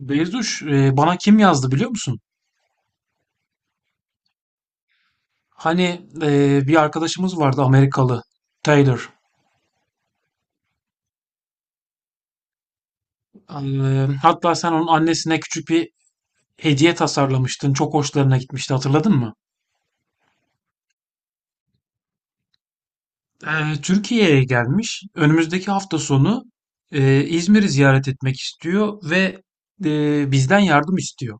Beyzuş, bana kim yazdı biliyor musun? Hani bir arkadaşımız vardı Amerikalı, Taylor. Hatta sen onun annesine küçük bir hediye tasarlamıştın. Çok hoşlarına gitmişti, hatırladın mı? E, Türkiye'ye gelmiş. Önümüzdeki hafta sonu İzmir'i ziyaret etmek istiyor ve bizden yardım istiyor.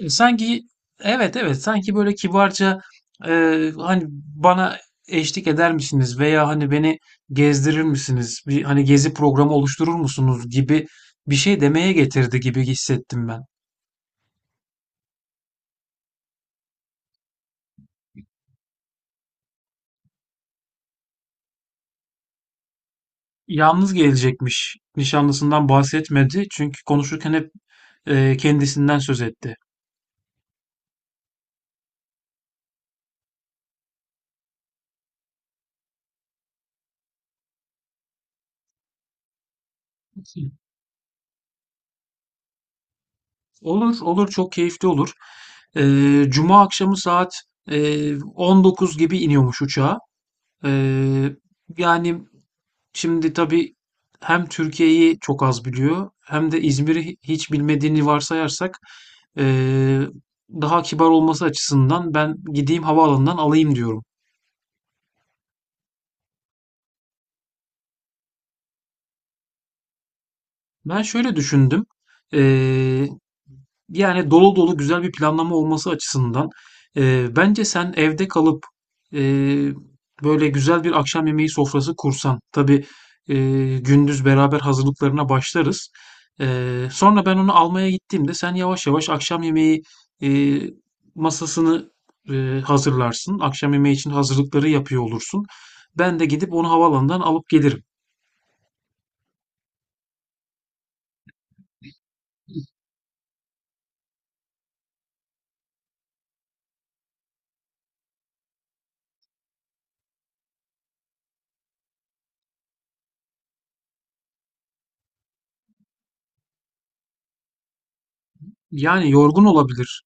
Sanki, evet, evet, sanki böyle kibarca, e, hani, bana eşlik eder misiniz veya hani beni gezdirir misiniz? Bir hani gezi programı oluşturur musunuz gibi bir şey demeye getirdi gibi hissettim ben. Yalnız gelecekmiş. Nişanlısından bahsetmedi. Çünkü konuşurken hep kendisinden söz etti. Olur, olur, çok keyifli olur. E, Cuma akşamı saat 19 gibi iniyormuş uçağa. E, Yani, şimdi tabii hem Türkiye'yi çok az biliyor hem de İzmir'i hiç bilmediğini varsayarsak, eee, daha kibar olması açısından ben gideyim havaalanından alayım diyorum. Ben şöyle düşündüm. Eee Yani, dolu dolu güzel bir planlama olması açısından, bence sen evde kalıp, eee, böyle güzel bir akşam yemeği sofrası kursan. Tabii gündüz beraber hazırlıklarına başlarız. Sonra ben onu almaya gittiğimde sen yavaş yavaş akşam yemeği eee, masasını, hazırlarsın. Akşam yemeği için hazırlıkları yapıyor olursun. Ben de gidip onu havalandan alıp gelirim. Yani yorgun olabilir.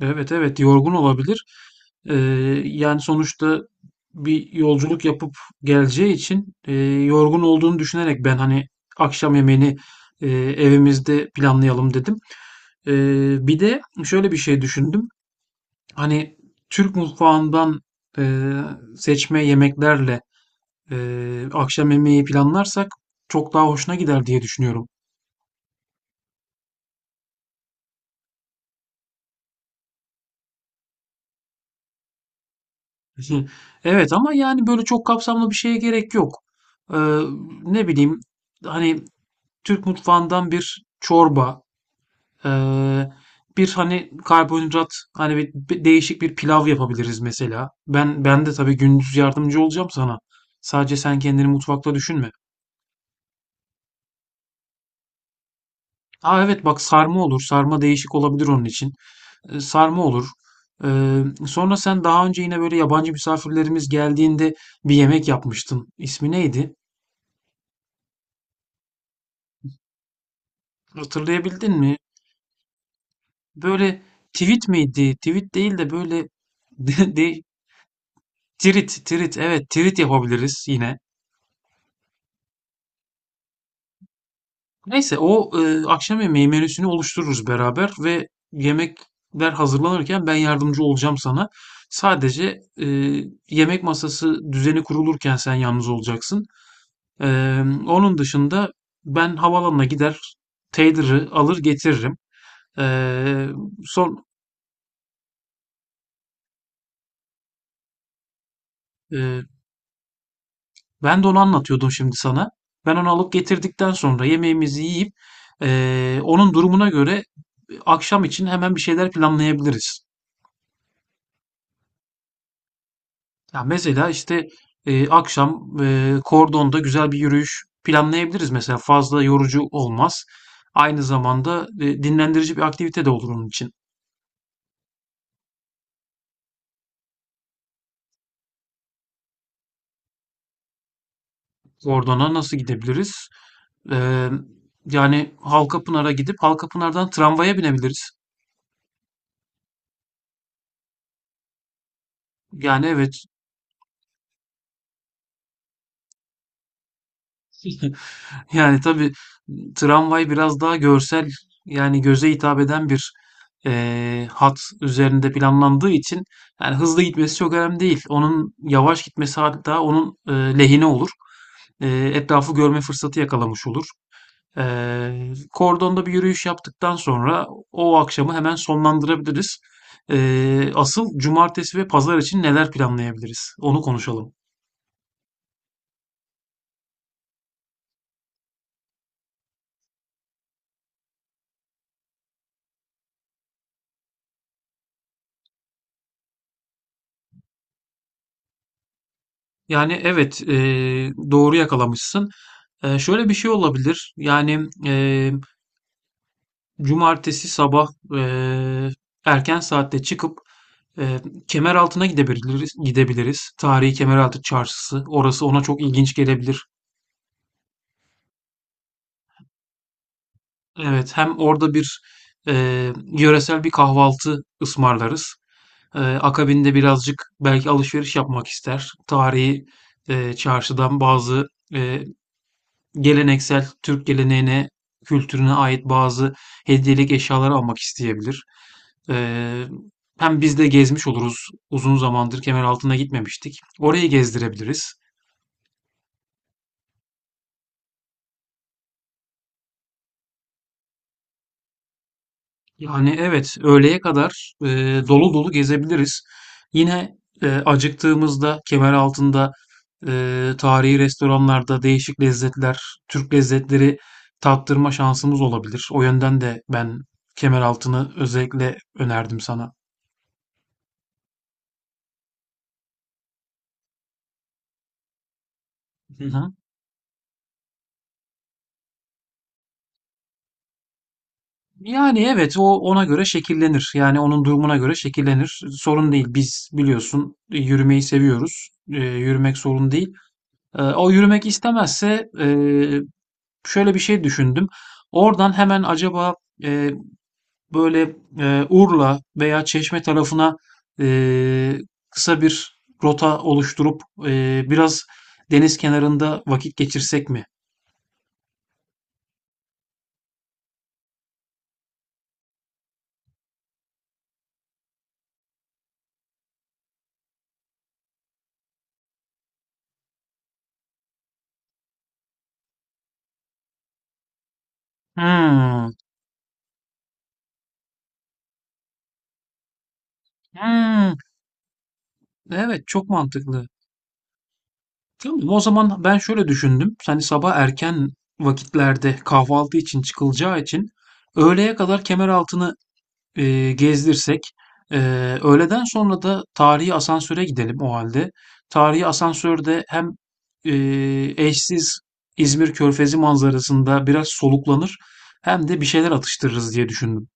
Evet, evet, yorgun olabilir. Ee, Yani sonuçta bir yolculuk yapıp geleceği için, yorgun olduğunu düşünerek ben hani akşam yemeğini, evimizde planlayalım dedim. Bir de şöyle bir şey düşündüm. Hani Türk mutfağından e, seçme yemeklerle akşam yemeği planlarsak çok daha hoşuna gider diye düşünüyorum. Hı. Evet ama yani böyle çok kapsamlı bir şeye gerek yok. Ee, Ne bileyim, hani Türk mutfağından bir çorba, eee, bir, hani, karbonhidrat, hani, bir değişik bir pilav yapabiliriz mesela. Ben de tabii gündüz yardımcı olacağım sana. Sadece sen kendini mutfakta düşünme. A, evet, bak, sarma olur. Sarma değişik olabilir onun için. Sarma olur. Sonra sen daha önce yine, böyle, yabancı misafirlerimiz geldiğinde bir yemek yapmıştın. İsmi neydi? Hatırlayabildin mi? Böyle, tivit miydi? Tivit değil de, böyle, de de Tirit, tirit. Evet, tirit yapabiliriz yine. Neyse o akşam yemeği menüsünü oluştururuz beraber ve yemekler hazırlanırken ben yardımcı olacağım sana. Sadece yemek masası düzeni kurulurken sen yalnız olacaksın. E, Onun dışında ben havalanına gider, Taylor'ı alır getiririm. E, son e, Ben de onu anlatıyordum şimdi sana. Ben onu alıp getirdikten sonra yemeğimizi yiyip, onun durumuna göre akşam için hemen bir şeyler planlayabiliriz. Ya mesela işte, akşam, kordonda güzel bir yürüyüş planlayabiliriz mesela, fazla yorucu olmaz. Aynı zamanda dinlendirici bir aktivite de olur onun için. Kordona nasıl gidebiliriz? E, Yani, Halkapınar'a gidip Halkapınar'dan tramvaya binebiliriz. Yani evet. Yani, tabii, tramvay biraz daha görsel, yani, göze hitap eden bir, hat üzerinde planlandığı için, yani, hızlı gitmesi çok önemli değil. Onun yavaş gitmesi hatta onun, lehine olur. Etrafı görme fırsatı yakalamış olur. Kordonda bir yürüyüş yaptıktan sonra o akşamı hemen sonlandırabiliriz. Asıl cumartesi ve pazar için neler planlayabiliriz? Onu konuşalım. Yani evet, doğru yakalamışsın. Şöyle bir şey olabilir. Yani cumartesi sabah, eee, erken saatte çıkıp, eee kemer altına gidebiliriz. Tarihi Kemeraltı Çarşısı. Orası ona çok ilginç gelebilir. Evet, hem orada bir yöresel bir kahvaltı ısmarlarız. Akabinde birazcık belki alışveriş yapmak ister. Tarihi çarşıdan bazı, geleneksel Türk geleneğine, kültürüne ait bazı hediyelik eşyalar almak isteyebilir. Eee, Hem biz de gezmiş oluruz. Uzun zamandır Kemeraltı'na gitmemiştik. Orayı gezdirebiliriz. Yani evet, öğleye kadar dolu dolu gezebiliriz. Yine acıktığımızda Kemeraltı'nda tarihi restoranlarda değişik lezzetler, Türk lezzetleri tattırma şansımız olabilir. O yönden de ben Kemeraltı'nı özellikle önerdim sana. Hı hı. Yani evet, o ona göre şekillenir. Yani onun durumuna göre şekillenir. Sorun değil. Biz biliyorsun yürümeyi seviyoruz. Yürümek sorun değil. O yürümek istemezse, şöyle bir şey düşündüm. Oradan hemen acaba, e, böyle, Urla veya Çeşme tarafına, e, kısa bir rota oluşturup, biraz deniz kenarında vakit geçirsek mi? Hımm. Hımm. Evet, çok mantıklı. Tamam, o zaman ben şöyle düşündüm. Hani sabah erken vakitlerde kahvaltı için çıkılacağı için öğleye kadar Kemeraltı'nı gezdirsek. Öğleden sonra da tarihi asansöre gidelim o halde. Tarihi asansörde hem eşsiz İzmir Körfezi manzarasında biraz soluklanır hem de bir şeyler atıştırırız diye düşündüm.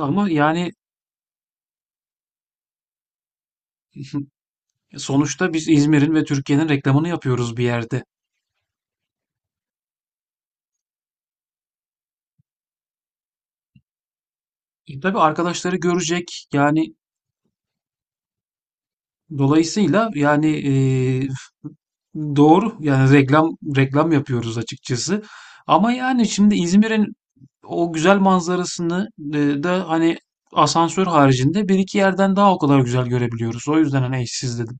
Ama yani, sonuçta biz İzmir'in ve Türkiye'nin reklamını yapıyoruz bir yerde. Tabii arkadaşları görecek yani. Dolayısıyla yani, doğru, yani reklam yapıyoruz açıkçası. Ama yani şimdi İzmir'in o güzel manzarasını, da hani asansör haricinde bir iki yerden daha o kadar güzel görebiliyoruz. O yüzden hani eşsiz dedim.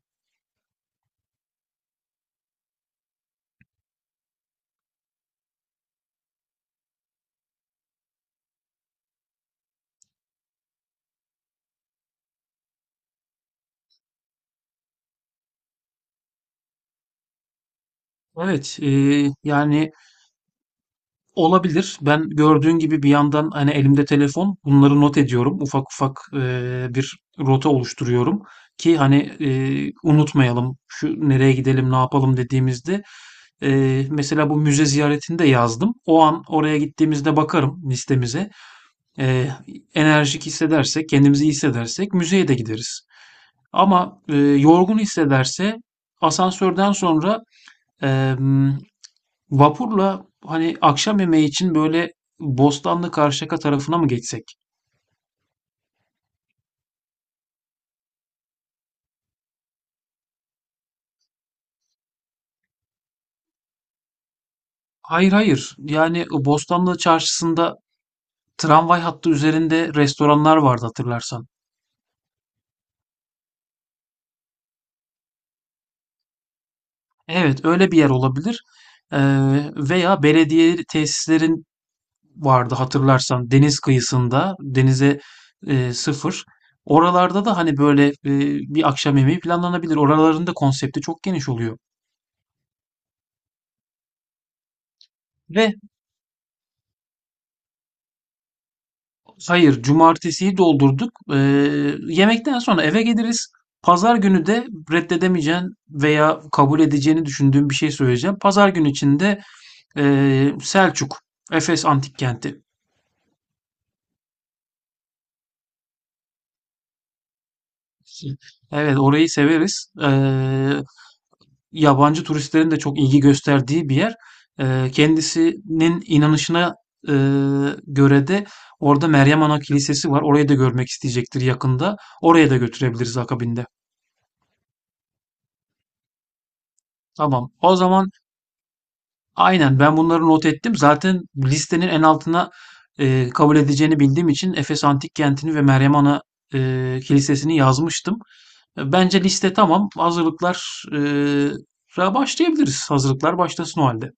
Evet, yani, olabilir. Ben gördüğün gibi bir yandan hani elimde telefon bunları not ediyorum. Ufak ufak bir rota oluşturuyorum ki hani, unutmayalım şu nereye gidelim ne yapalım dediğimizde, mesela bu müze ziyaretini de yazdım. O an oraya gittiğimizde bakarım listemize. Eee, Enerjik hissedersek, kendimizi iyi hissedersek müzeye de gideriz. Ama yorgun hissederse, asansörden sonra eee vapurla hani akşam yemeği için böyle Bostanlı Karşıyaka tarafına mı geçsek? Hayır, hayır. Yani Bostanlı Çarşısı'nda tramvay hattı üzerinde restoranlar vardı hatırlarsan. Evet, öyle bir yer olabilir. Ee, Veya belediye tesislerin vardı hatırlarsan, deniz kıyısında denize sıfır. Oralarda da hani böyle, bir akşam yemeği planlanabilir. Oraların da konsepti çok geniş oluyor. Ve Hayır, cumartesiyi doldurduk. Yemekten sonra eve geliriz. Pazar günü de reddedemeyeceğin veya kabul edeceğini düşündüğüm bir şey söyleyeceğim. Pazar günü içinde Selçuk, Efes Antik Kenti. Evet, orayı severiz. Yabancı turistlerin de çok ilgi gösterdiği bir yer. Kendisinin inanışına e, göre de orada Meryem Ana Kilisesi var. Orayı da görmek isteyecektir yakında. Oraya da götürebiliriz akabinde. Tamam. O zaman, aynen, ben bunları not ettim. Zaten listenin en altına, kabul edeceğini bildiğim için Efes Antik Kenti'ni ve Meryem Ana e, Kilisesi'ni yazmıştım. Bence liste tamam. Hazırlıklar, e, ra başlayabiliriz. Hazırlıklar başlasın o halde.